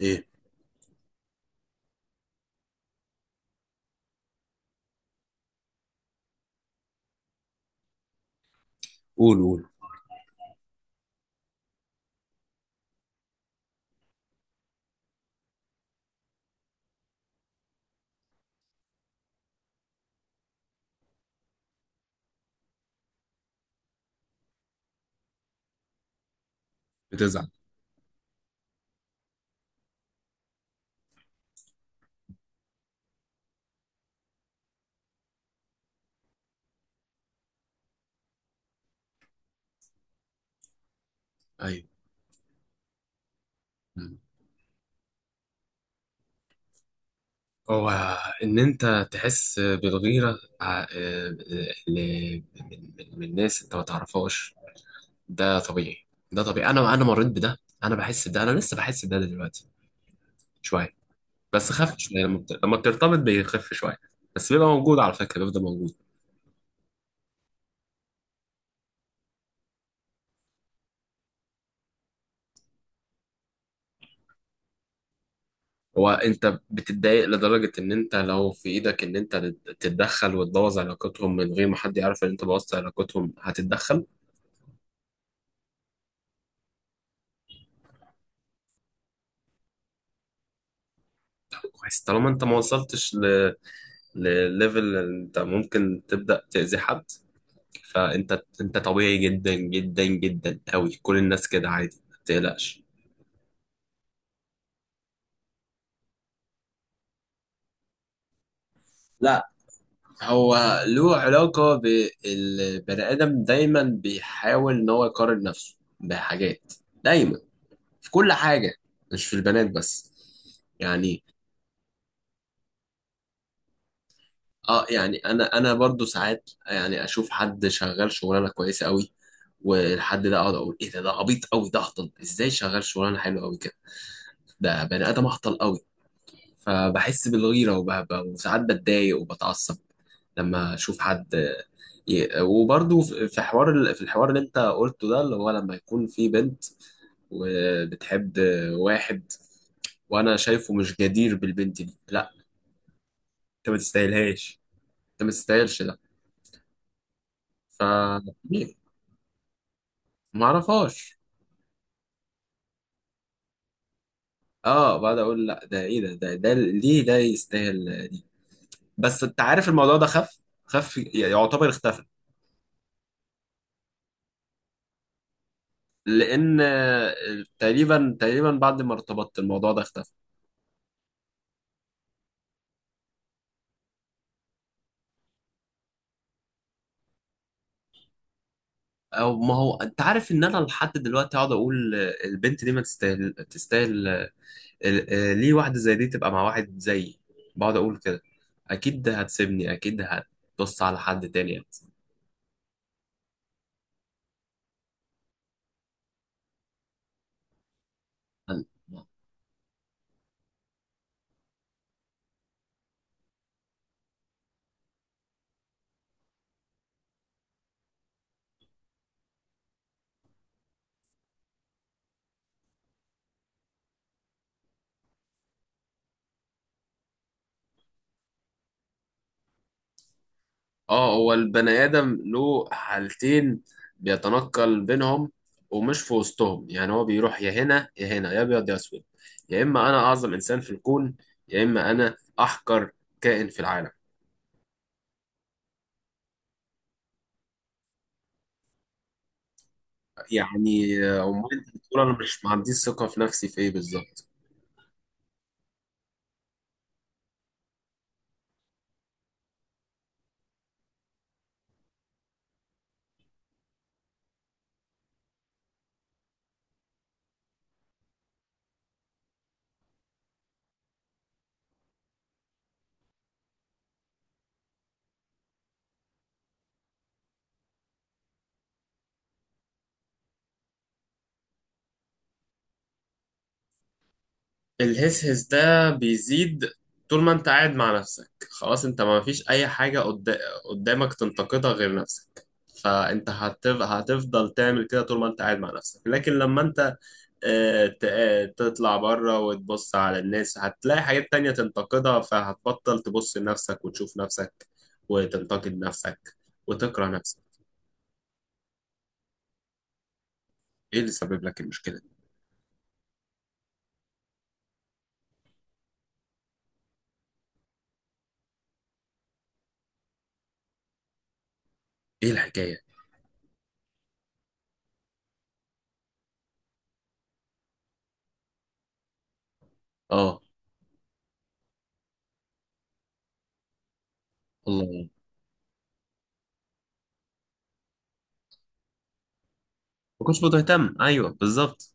ايه؟ قول قول. بتزعل؟ ايوه. مم. هو ان انت تحس بالغيره من ناس انت ما تعرفهاش، ده طبيعي. ده طبيعي، انا مريت بده. انا بحس بده، انا لسه بحس بده دلوقتي شويه. بس خف شويه، لما بترتبط بيخف شويه، بس بيبقى موجود على فكره، بيفضل موجود. هو انت بتتضايق لدرجه ان انت لو في ايدك ان انت تتدخل وتبوظ علاقتهم من غير ما حد يعرف ان انت بوظت علاقتهم هتتدخل؟ كويس، طالما انت ما وصلتش لليفل انت ممكن تبدأ تأذي حد. فانت طبيعي جدا جدا جدا قوي، كل الناس كده، عادي، ما تقلقش. لا، هو له علاقة بالبني آدم، دايما بيحاول إن هو يقارن نفسه بحاجات، دايما، في كل حاجة، مش في البنات بس. يعني اه يعني انا برضو ساعات يعني اشوف حد شغال شغلانه كويسه قوي، والحد ده اقعد اقول ايه ده، ده عبيط قوي، ده هطل ازاي شغال شغلانه حلوه قوي كده، ده بني ادم اهطل قوي. فبحس بالغيره وبهبه، وساعات بتضايق وبتعصب لما اشوف حد. وبرضه في حوار في الحوار اللي انت قلته ده، اللي هو لما يكون في بنت وبتحب واحد وانا شايفه مش جدير بالبنت دي، لا، انت ما تستاهلهاش، انت ما تستاهلش ده. ف ليه؟ ما اعرفهاش. اه، بعد اقول لا ده ايه ده، ده ليه ده يستاهل دي. بس انت عارف الموضوع ده خف، خف يعتبر اختفى. لان تقريبا بعد ما ارتبطت الموضوع ده اختفى. او ما هو انت عارف ان انا لحد دلوقتي اقعد اقول البنت دي ما تستاهل. ليه واحده زي دي تبقى مع واحد زيي؟ بقعد اقول كده، اكيد هتسيبني، اكيد هتبص على حد تاني. اه، هو البني آدم له حالتين بيتنقل بينهم ومش في وسطهم، يعني هو بيروح يا هنا يا هنا، يا أبيض يا أسود، يا إما أنا أعظم إنسان في الكون، يا إما أنا أحقر كائن في العالم. يعني أمال أنت بتقول أنا مش ما عنديش ثقة في نفسي في إيه بالظبط؟ الهسهس ده بيزيد طول ما أنت قاعد مع نفسك، خلاص أنت ما فيش أي حاجة قدامك تنتقدها غير نفسك. فأنت هتفضل تعمل كده طول ما أنت قاعد مع نفسك، لكن لما أنت تطلع بره وتبص على الناس هتلاقي حاجات تانية تنتقدها، فهتبطل تبص لنفسك وتشوف نفسك وتنتقد نفسك وتكره نفسك. ايه اللي سبب لك المشكلة؟ ايه الحكاية؟ اه. الله. ما كنتش بتهتم، ايوه بالظبط.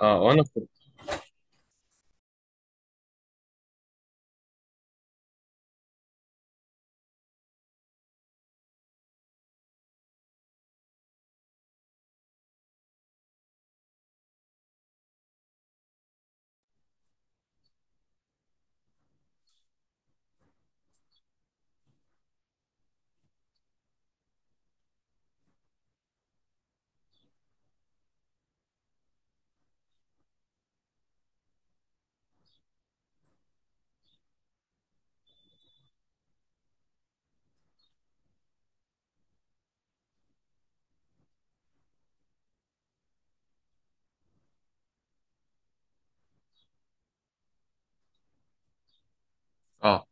اه وانا كنت. اه.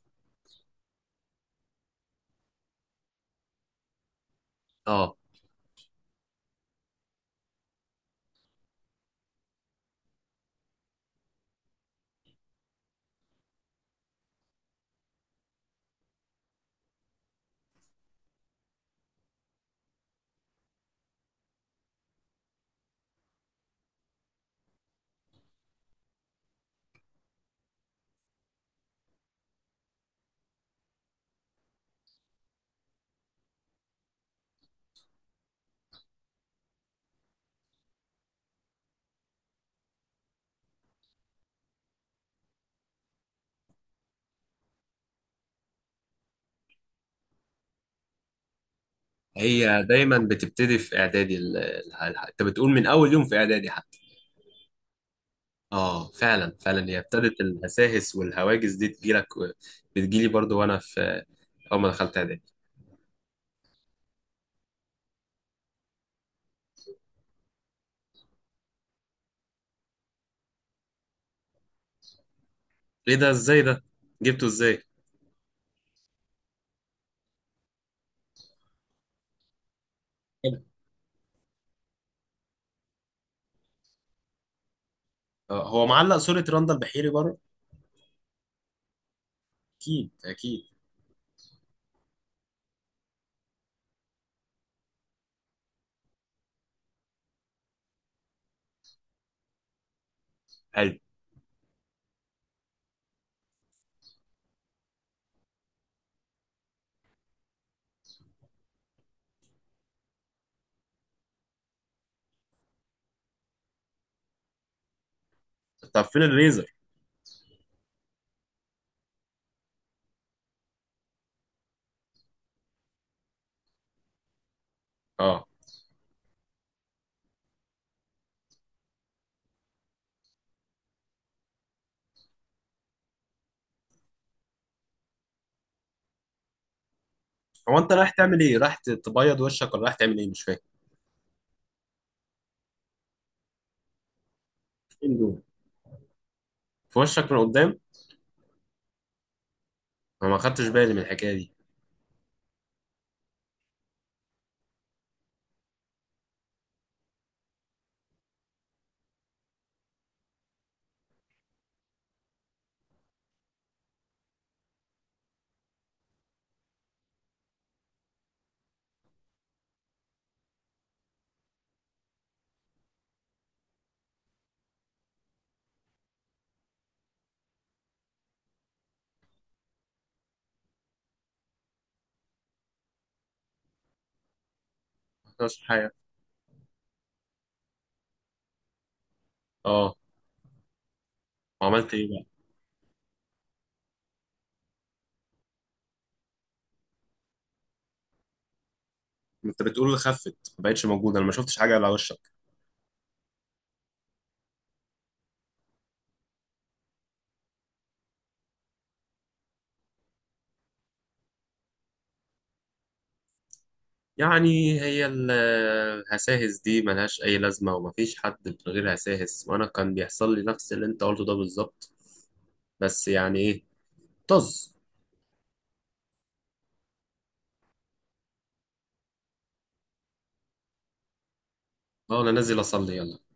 اه، هي دايما بتبتدي في اعدادي، انت بتقول من اول يوم في اعدادي حتى. اه فعلا فعلا، هي ابتدت الهساهس والهواجس دي تجيلك و- بتجيلي برضو وانا في اول ما دخلت اعدادي. ايه ده؟ ازاي ده؟ جبته ازاي؟ حلو. آه، هو معلق صورة راندال بحيري بره؟ اكيد اكيد. حلو. طب فين الليزر؟ اه، هو انت رايح تعمل ايه؟ رايح تبيض وشك ولا رايح تعمل ايه؟ مش فاكر. فين دول؟ في وشك من قدام؟ انا ما خدتش بالي من الحكايه دي. ما خدتش حاجه؟ اه. وعملت ايه بقى؟ انت بتقول اللي خفت ما بقتش موجوده، انا ما شفتش حاجه على وشك. يعني هي الهساهس دي ملهاش اي لازمه، ومفيش حد من غير هساهس، وانا كان بيحصل لي نفس اللي انت قلته ده بالظبط، بس يعني ايه، طز. اه انا نازل اصلي، يلا.